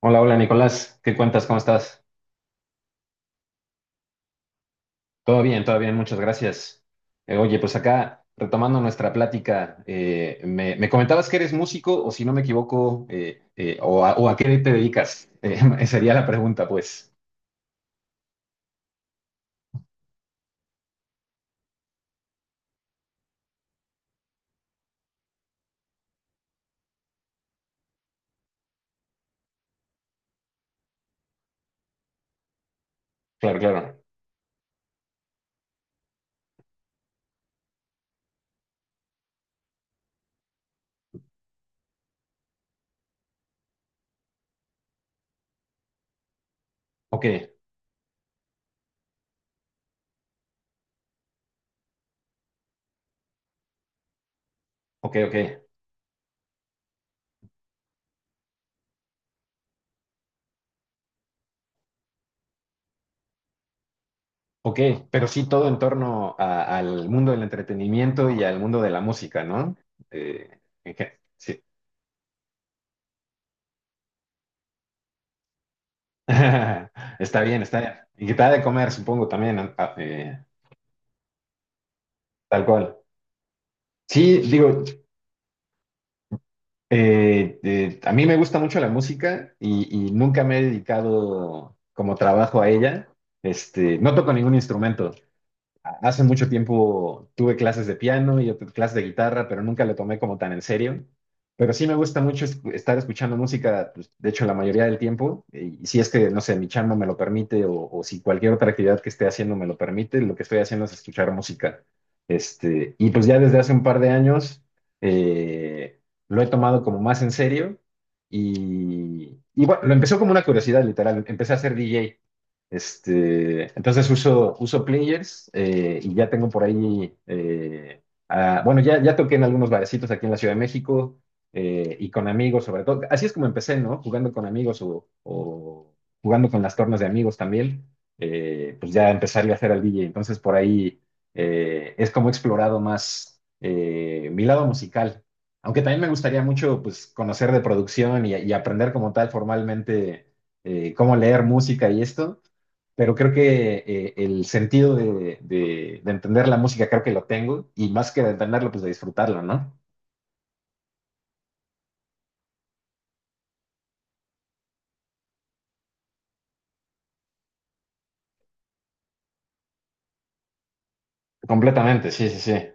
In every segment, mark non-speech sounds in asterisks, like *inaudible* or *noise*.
Hola, hola Nicolás, ¿qué cuentas? ¿Cómo estás? Todo bien, muchas gracias. Oye, pues acá, retomando nuestra plática, me comentabas que eres músico, o si no me equivoco, o a qué te dedicas. *laughs* Sería la pregunta, pues. Claro, claro. Ok, ok, ok. Ok, pero sí todo en torno al mundo del entretenimiento y al mundo de la música, ¿no? Eh, sí. *laughs* Está bien, está bien. Y que te ha de comer, supongo, también, ¿no? Tal cual. Sí, digo, a mí me gusta mucho la música y, nunca me he dedicado como trabajo a ella. No toco ningún instrumento. Hace mucho tiempo tuve clases de piano y otras clases de guitarra, pero nunca lo tomé como tan en serio. Pero sí me gusta mucho estar escuchando música, pues, de hecho, la mayoría del tiempo. Y si es que, no sé, mi chamba me lo permite o si cualquier otra actividad que esté haciendo me lo permite, lo que estoy haciendo es escuchar música. Y pues ya desde hace un par de años, eh, lo he tomado como más en serio. Y bueno, lo empezó como una curiosidad, literal. Empecé a ser DJ. Entonces uso players, y ya tengo por ahí. Bueno, ya toqué en algunos barecitos aquí en la Ciudad de México, y con amigos sobre todo. Así es como empecé, ¿no? Jugando con amigos, o jugando con las tornas de amigos también, pues ya empezarle a hacer al DJ. Entonces por ahí, es como he explorado más, mi lado musical. Aunque también me gustaría mucho, pues, conocer de producción y aprender como tal formalmente, cómo leer música y esto. Pero creo que, el sentido de entender la música creo que lo tengo, y más que de entenderlo, pues de disfrutarlo, ¿no? Completamente, sí, sí, sí.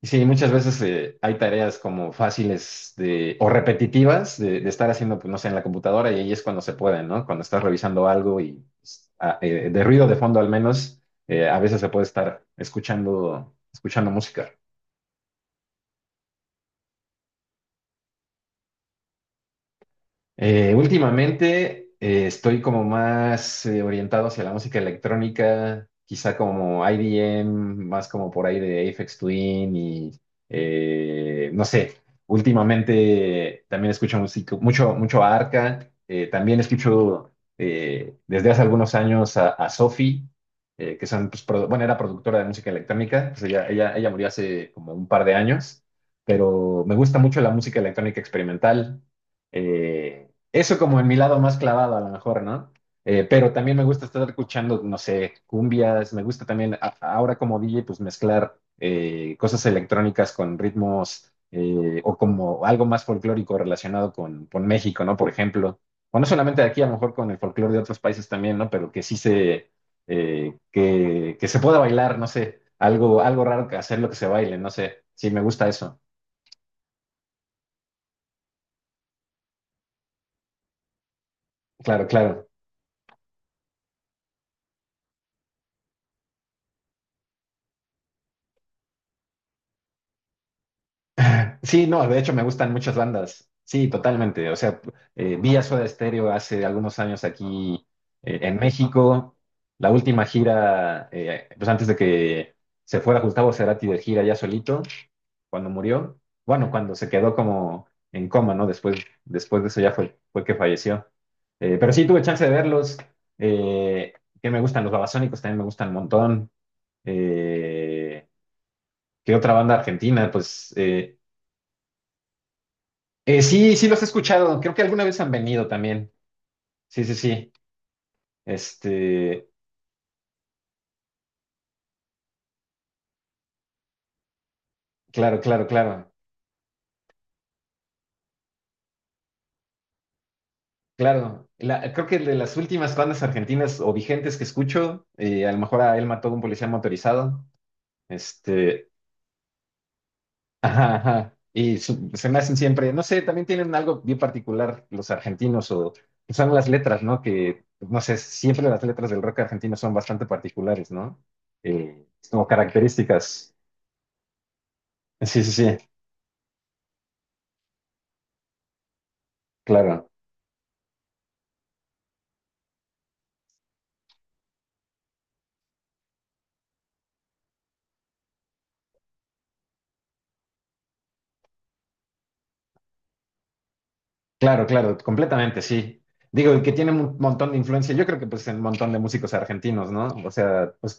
Y sí, muchas veces, hay tareas como fáciles o repetitivas de estar haciendo, pues, no sé, en la computadora, y ahí es cuando se puede, ¿no? Cuando estás revisando algo y pues, de ruido de fondo al menos, a veces se puede estar escuchando música. Últimamente, estoy como más, orientado hacia la música electrónica, quizá como IDM, más como por ahí de Aphex Twin y, no sé. Últimamente también escucho música, mucho, mucho a Arca. También escucho, desde hace algunos años a Sophie, que son, pues, bueno, era productora de música electrónica. Pues, ella murió hace como un par de años, pero me gusta mucho la música electrónica experimental. eh, Eso como en mi lado más clavado, a lo mejor, ¿no? Pero también me gusta estar escuchando, no sé, cumbias, me gusta también ahora como DJ, pues mezclar, cosas electrónicas con ritmos, o como algo más folclórico relacionado con México, ¿no? Por ejemplo, o no solamente de aquí, a lo mejor con el folclore de otros países también, ¿no? Pero que se pueda bailar, no sé, algo, algo raro que hacer lo que se baile, no sé, sí, me gusta eso, claro, claro. Sí, no, de hecho me gustan muchas bandas. Sí, totalmente. O sea, vi a Soda Stereo hace algunos años aquí, en México. La última gira, pues antes de que se fuera Gustavo Cerati de gira ya solito, cuando murió. Bueno, cuando se quedó como en coma, ¿no? Después, después de eso ya fue que falleció. Pero sí tuve chance de verlos. Eh, que me gustan los Babasónicos, también me gustan un montón. Eh, ¿Qué otra banda argentina? Pues. Sí, sí, los he escuchado. Creo que alguna vez han venido también. Sí, sí, sí. Este, claro, claro, claro. Claro. Creo que de las últimas bandas argentinas o vigentes que escucho, a lo mejor a él mató a un policía motorizado. Este, *laughs* ajá, ajá. Se me hacen siempre, no sé, también tienen algo bien particular los argentinos, o son las letras, ¿no? Que, no sé, siempre las letras del rock argentino son bastante particulares, ¿no? Eh, Como características. Sí, sí, sí, claro. Claro, claro, completamente, sí. Digo, y que tiene un montón de influencia, yo creo que pues en un montón de músicos argentinos, ¿no? O sea, pues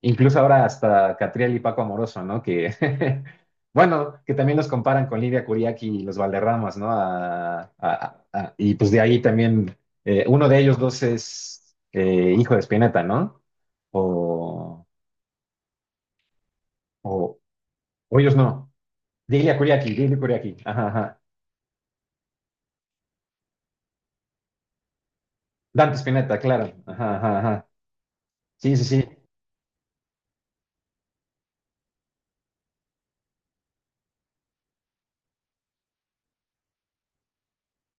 incluso ahora hasta Catriel y Paco Amoroso, ¿no? Que, *laughs* bueno, que también los comparan con Lidia Curiaki y los Valderramas, ¿no? Y pues de ahí también, uno de ellos dos es, hijo de Spinetta, ¿no? O, o, o ellos no. Lidia Curiaki, Lidia Curiaki, ajá, ajá. Dante Spinetta, claro, ajá, ajá, ajá. Sí, sí, sí.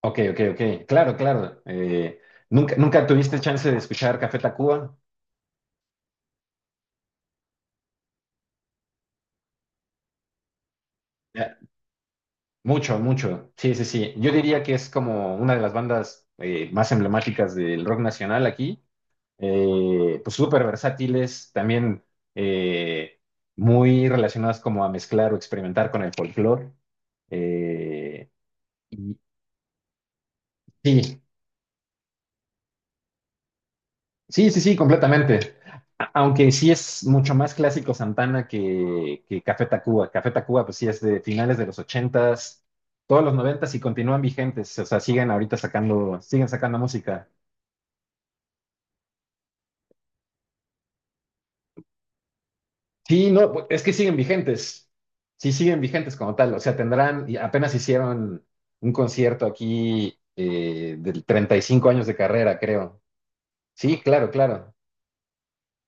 Ok, ok, ok. Claro, claro. ¿Nunca tuviste chance de escuchar Café Tacuba? Ya, mucho, mucho. Sí, sí, sí. Yo diría que es como una de las bandas, más emblemáticas del rock nacional aquí. Pues súper versátiles, también, eh, muy relacionadas como a mezclar o experimentar con el folclore. Eh, y sí. Sí, sí, sí, completamente. Aunque sí es mucho más clásico Santana que Café Tacuba. Café Tacuba, pues sí, es de finales de los ochentas, todos los noventas, y continúan vigentes. O sea, siguen ahorita sacando, siguen sacando música. Sí, no, es que siguen vigentes. Sí, siguen vigentes como tal. O sea, tendrán, y apenas hicieron un concierto aquí, del 35 años de carrera, creo. Sí, claro, claro.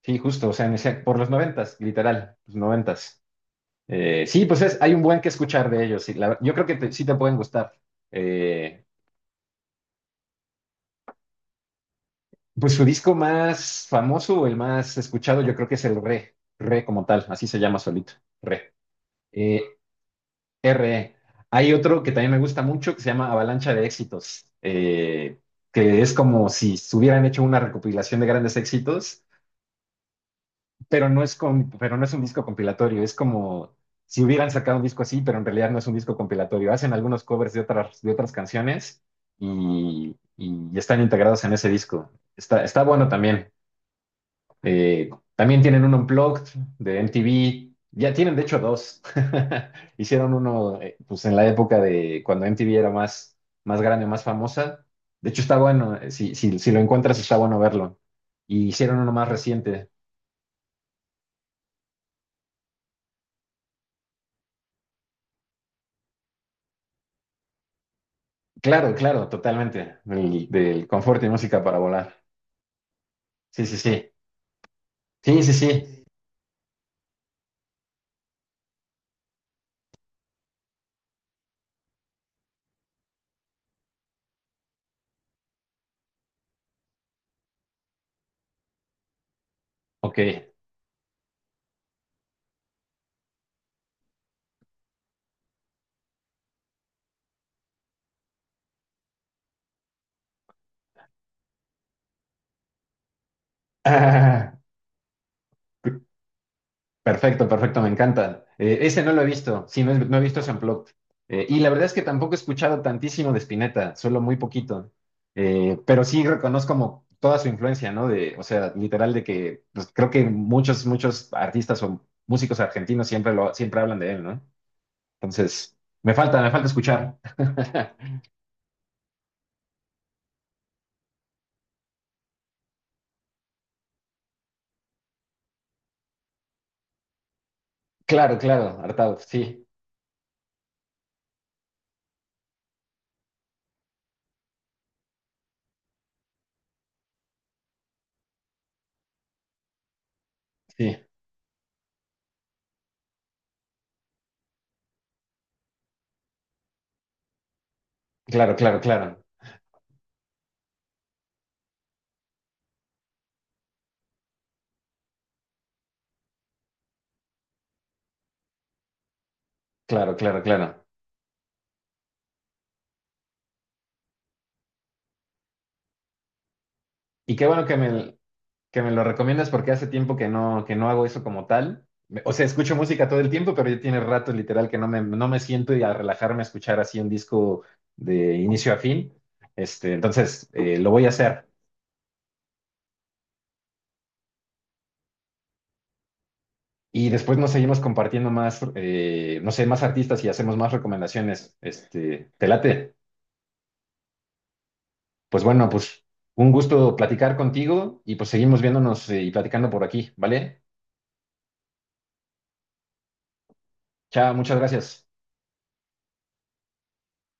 Sí, justo, o sea, por los noventas, literal, los noventas. Sí, pues, hay un buen que escuchar de ellos. Sí, yo creo que sí te pueden gustar. Eh, pues su disco más famoso, o el más escuchado, yo creo que es el Re como tal, así se llama solito, Re. Eh, RE. Hay otro que también me gusta mucho que se llama Avalancha de Éxitos, que es como si hubieran hecho una recopilación de grandes éxitos, pero no es un disco compilatorio, es como si hubieran sacado un disco así, pero en realidad no es un disco compilatorio. Hacen algunos covers de otras canciones, y están integrados en ese disco. Está bueno también. Eh, También tienen un Unplugged de MTV. Ya tienen, de hecho, dos. *laughs* Hicieron uno, pues, en la época de cuando MTV era más, más grande, más famosa. De hecho, está bueno. Si lo encuentras, está bueno verlo. Y hicieron uno más reciente. Claro, claro, totalmente. Del confort, y música para volar. Sí, sí, sí. Sí, sí, sí. Ok. Ah, per- perfecto, perfecto, me encanta. Ese no lo he visto. Sí, no, he no he visto ese Unplugged. Y la verdad es que tampoco he escuchado tantísimo de Spinetta, solo muy poquito. Pero sí reconozco como toda su influencia, ¿no? De, o sea, literal de que pues, creo que muchos, muchos artistas o músicos argentinos siempre lo, siempre hablan de él, ¿no? Entonces, me falta escuchar. *laughs* Claro, claro, hartado, sí, sí, claro, claro, claro, claro, claro, claro. Y qué bueno que me, lo recomiendas, porque hace tiempo que no hago eso como tal. O sea, escucho música todo el tiempo, pero ya tiene rato literal que no me siento y a relajarme a escuchar así un disco de inicio a fin. Entonces, lo voy a hacer. Y después nos seguimos compartiendo más, no sé, más artistas y hacemos más recomendaciones. ¿Te late? Pues bueno, pues un gusto platicar contigo, y pues seguimos viéndonos, y platicando por aquí, ¿vale? Chao, muchas gracias.